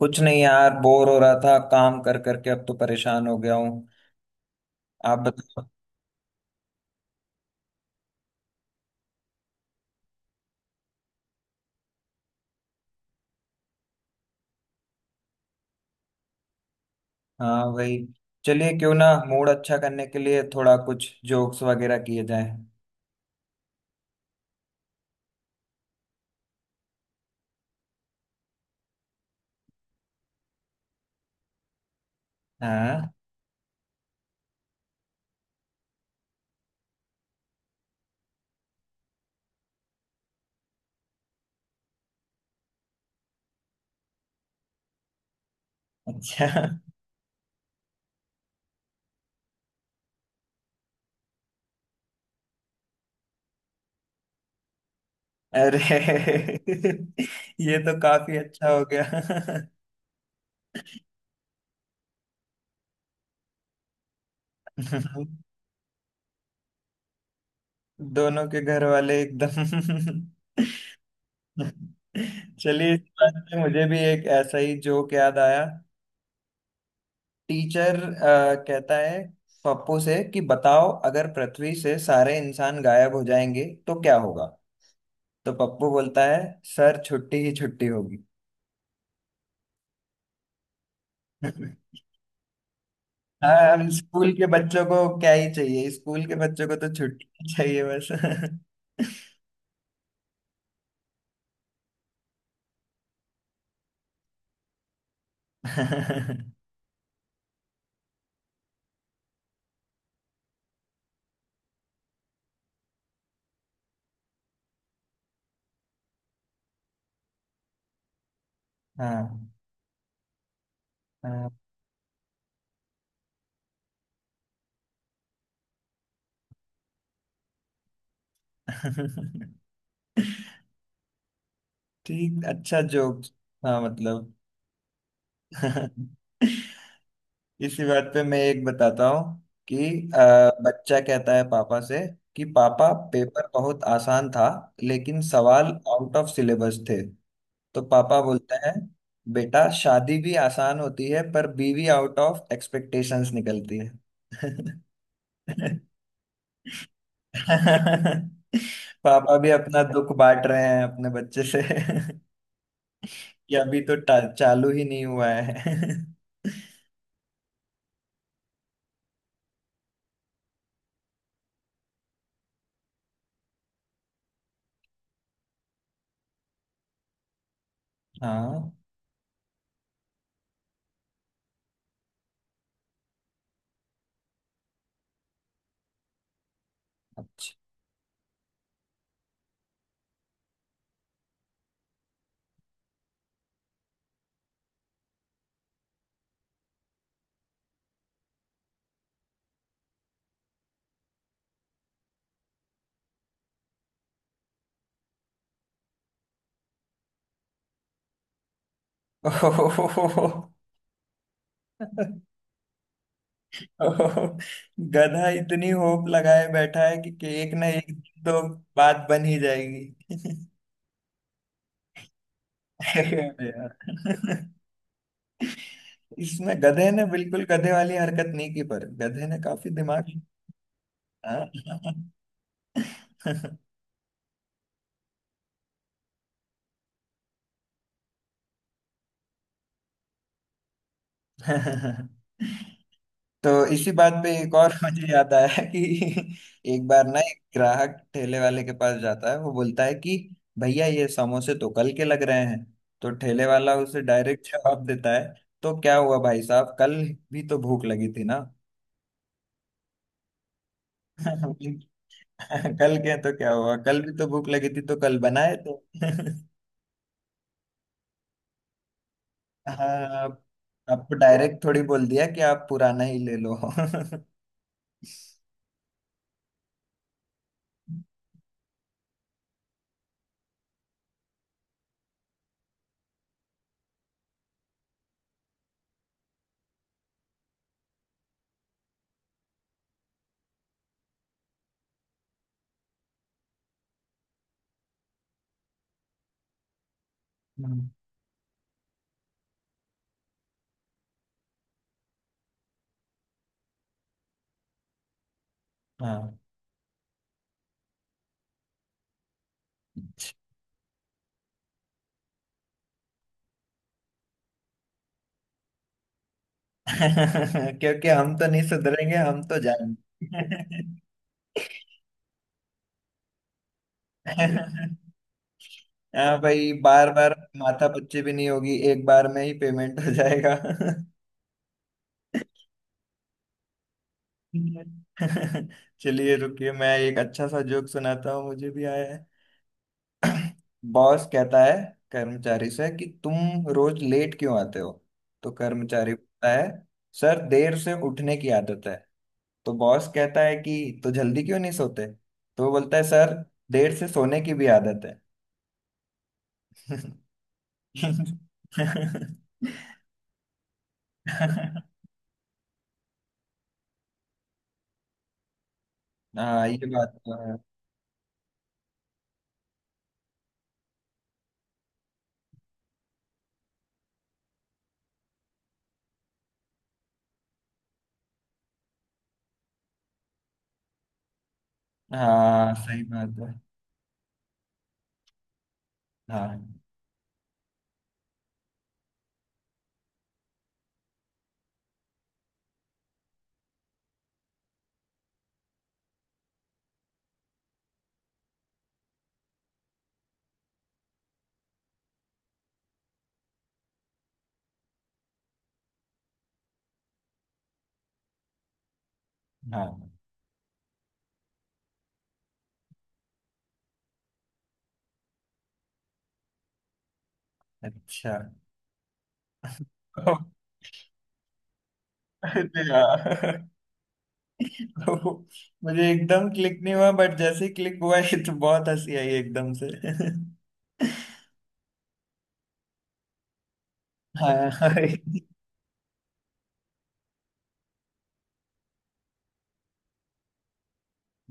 कुछ नहीं यार, बोर हो रहा था। काम कर करके अब तो परेशान हो गया हूँ। आप बताओ। हाँ, वही। चलिए, क्यों ना मूड अच्छा करने के लिए थोड़ा कुछ जोक्स वगैरह किए जाए। हाँ। अच्छा। अरे। ये तो काफी अच्छा हो गया। दोनों के घर वाले एकदम। चलिए, इस बात से मुझे भी एक ऐसा ही जोक याद आया। टीचर कहता है पप्पू से कि बताओ, अगर पृथ्वी से सारे इंसान गायब हो जाएंगे तो क्या होगा। तो पप्पू बोलता है, सर छुट्टी ही छुट्टी होगी। हाँ, हम स्कूल के बच्चों को क्या ही चाहिए। स्कूल के बच्चों को तो छुट्टी ही चाहिए बस। हाँ, हाँ। ठीक, अच्छा जोक्स। हाँ, मतलब। इसी बात पे मैं एक बताता हूँ कि अ, बच्चा कहता है पापा से कि पापा, पेपर बहुत आसान था, लेकिन सवाल आउट ऑफ सिलेबस थे। तो पापा बोलता है, बेटा शादी भी आसान होती है पर बीवी आउट ऑफ एक्सपेक्टेशंस निकलती है। पापा भी अपना दुख बांट रहे हैं अपने बच्चे से। कि अभी तो चालू ही नहीं हुआ है। हाँ। अच्छा। ओहो, गधा इतनी होप लगाए बैठा है कि एक ना एक दिन तो बात बन ही जाएगी। अरे यार, इसमें गधे ने बिल्कुल गधे वाली हरकत नहीं की, पर गधे ने काफी दिमाग। हाँ। तो इसी बात पे एक और मुझे याद आया कि एक बार ना, एक ग्राहक ठेले वाले के पास जाता है। वो बोलता है कि भैया, ये समोसे तो कल के लग रहे हैं। तो ठेले वाला उसे डायरेक्ट जवाब देता है, तो क्या हुआ भाई साहब, कल भी तो भूख लगी थी ना। कल के तो क्या हुआ, कल भी तो भूख लगी थी, तो कल बनाए तो। हाँ। आप, आपको डायरेक्ट थोड़ी बोल दिया कि आप पुराना ही ले लो। हम्म, हाँ। क्योंकि हम तो नहीं सुधरेंगे, हम तो जाएंगे। हाँ भाई, बार बार माथा पच्ची भी नहीं होगी, एक बार में ही पेमेंट हो जाएगा। चलिए, रुकिए, मैं एक अच्छा सा जोक सुनाता हूँ, मुझे भी आया है। बॉस कहता है कर्मचारी से कि तुम रोज लेट क्यों आते हो। तो कर्मचारी बोलता है, सर देर से उठने की आदत है। तो बॉस कहता है कि तो जल्दी क्यों नहीं सोते। तो वो बोलता है, सर देर से सोने की भी आदत है। हाँ, ये बात तो है। हाँ, सही बात है। हाँ, हाँ। अच्छा। तो, अरे यार, तो मुझे एकदम क्लिक नहीं हुआ, बट जैसे ही क्लिक हुआ ये तो बहुत हंसी आई एकदम से। हाँ, हाँ।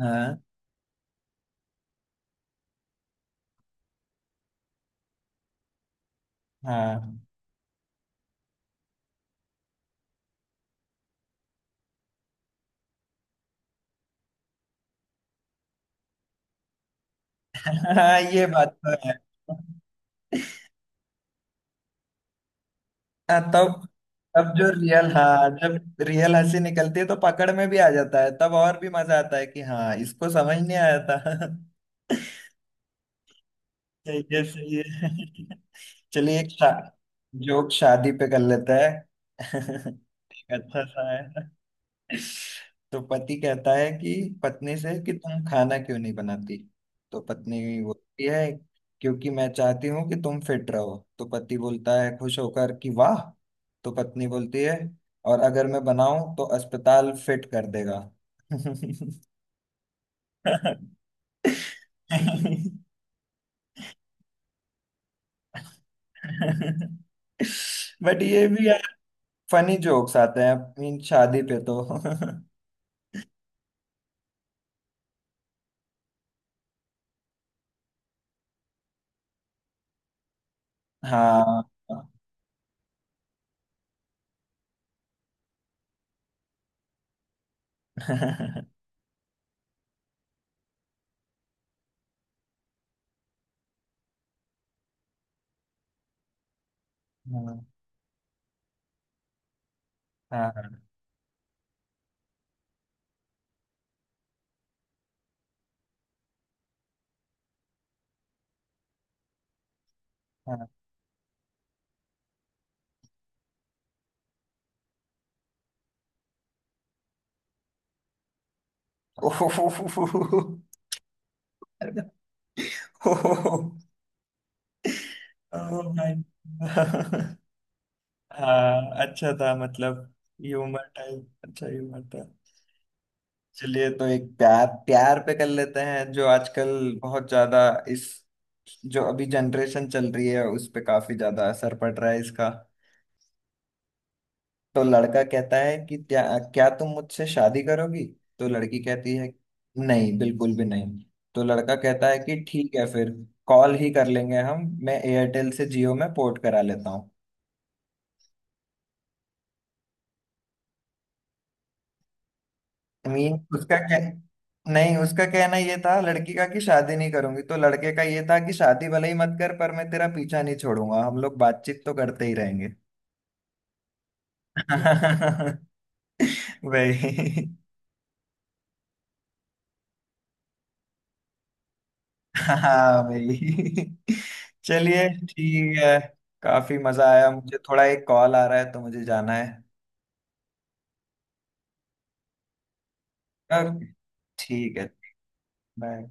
हाँ, हाँ, ये बात तो है। हाँ, तब। तब जो रियल, हाँ, जब रियल हंसी निकलती है तो पकड़ में भी आ जाता है। तब और भी मजा आता है कि हाँ, इसको समझ नहीं आया था। सही है, सही है। चलिए, एक जोक शादी पे कर लेते हैं। एक अच्छा सा है। तो पति कहता है कि पत्नी से कि तुम खाना क्यों नहीं बनाती। तो पत्नी बोलती है, क्योंकि मैं चाहती हूँ कि तुम फिट रहो। तो पति बोलता है खुश होकर कि वाह। तो पत्नी बोलती है, और अगर मैं बनाऊं तो अस्पताल फिट कर देगा। बट ये भी यार फनी जोक्स आते हैं, मीन शादी पे तो। हाँ। हाँ, हाँ, हाँ। ओहो माय। हाँ, अच्छा था। मतलब ह्यूमर टाइप, अच्छा ह्यूमर था। चलिए, तो एक प्यार, प्यार पे कर लेते हैं जो आजकल बहुत ज्यादा, इस जो अभी जनरेशन चल रही है उस पे काफी ज्यादा असर पड़ रहा है इसका। तो लड़का कहता है कि क्या क्या तुम मुझसे शादी करोगी। तो लड़की कहती है, नहीं, बिल्कुल भी नहीं। तो लड़का कहता है कि ठीक है फिर, कॉल ही कर लेंगे हम, मैं एयरटेल से जियो में पोर्ट करा लेता हूँ। मीन उसका कह, नहीं, उसका कहना ये था लड़की का कि शादी नहीं करूंगी। तो लड़के का ये था कि शादी भले ही मत कर पर मैं तेरा पीछा नहीं छोड़ूंगा, हम लोग बातचीत तो करते ही रहेंगे। वही। हाँ भाई। चलिए, ठीक है। काफी मजा आया। मुझे थोड़ा एक कॉल आ रहा है तो मुझे जाना है। ओके। ठीक है। बाय।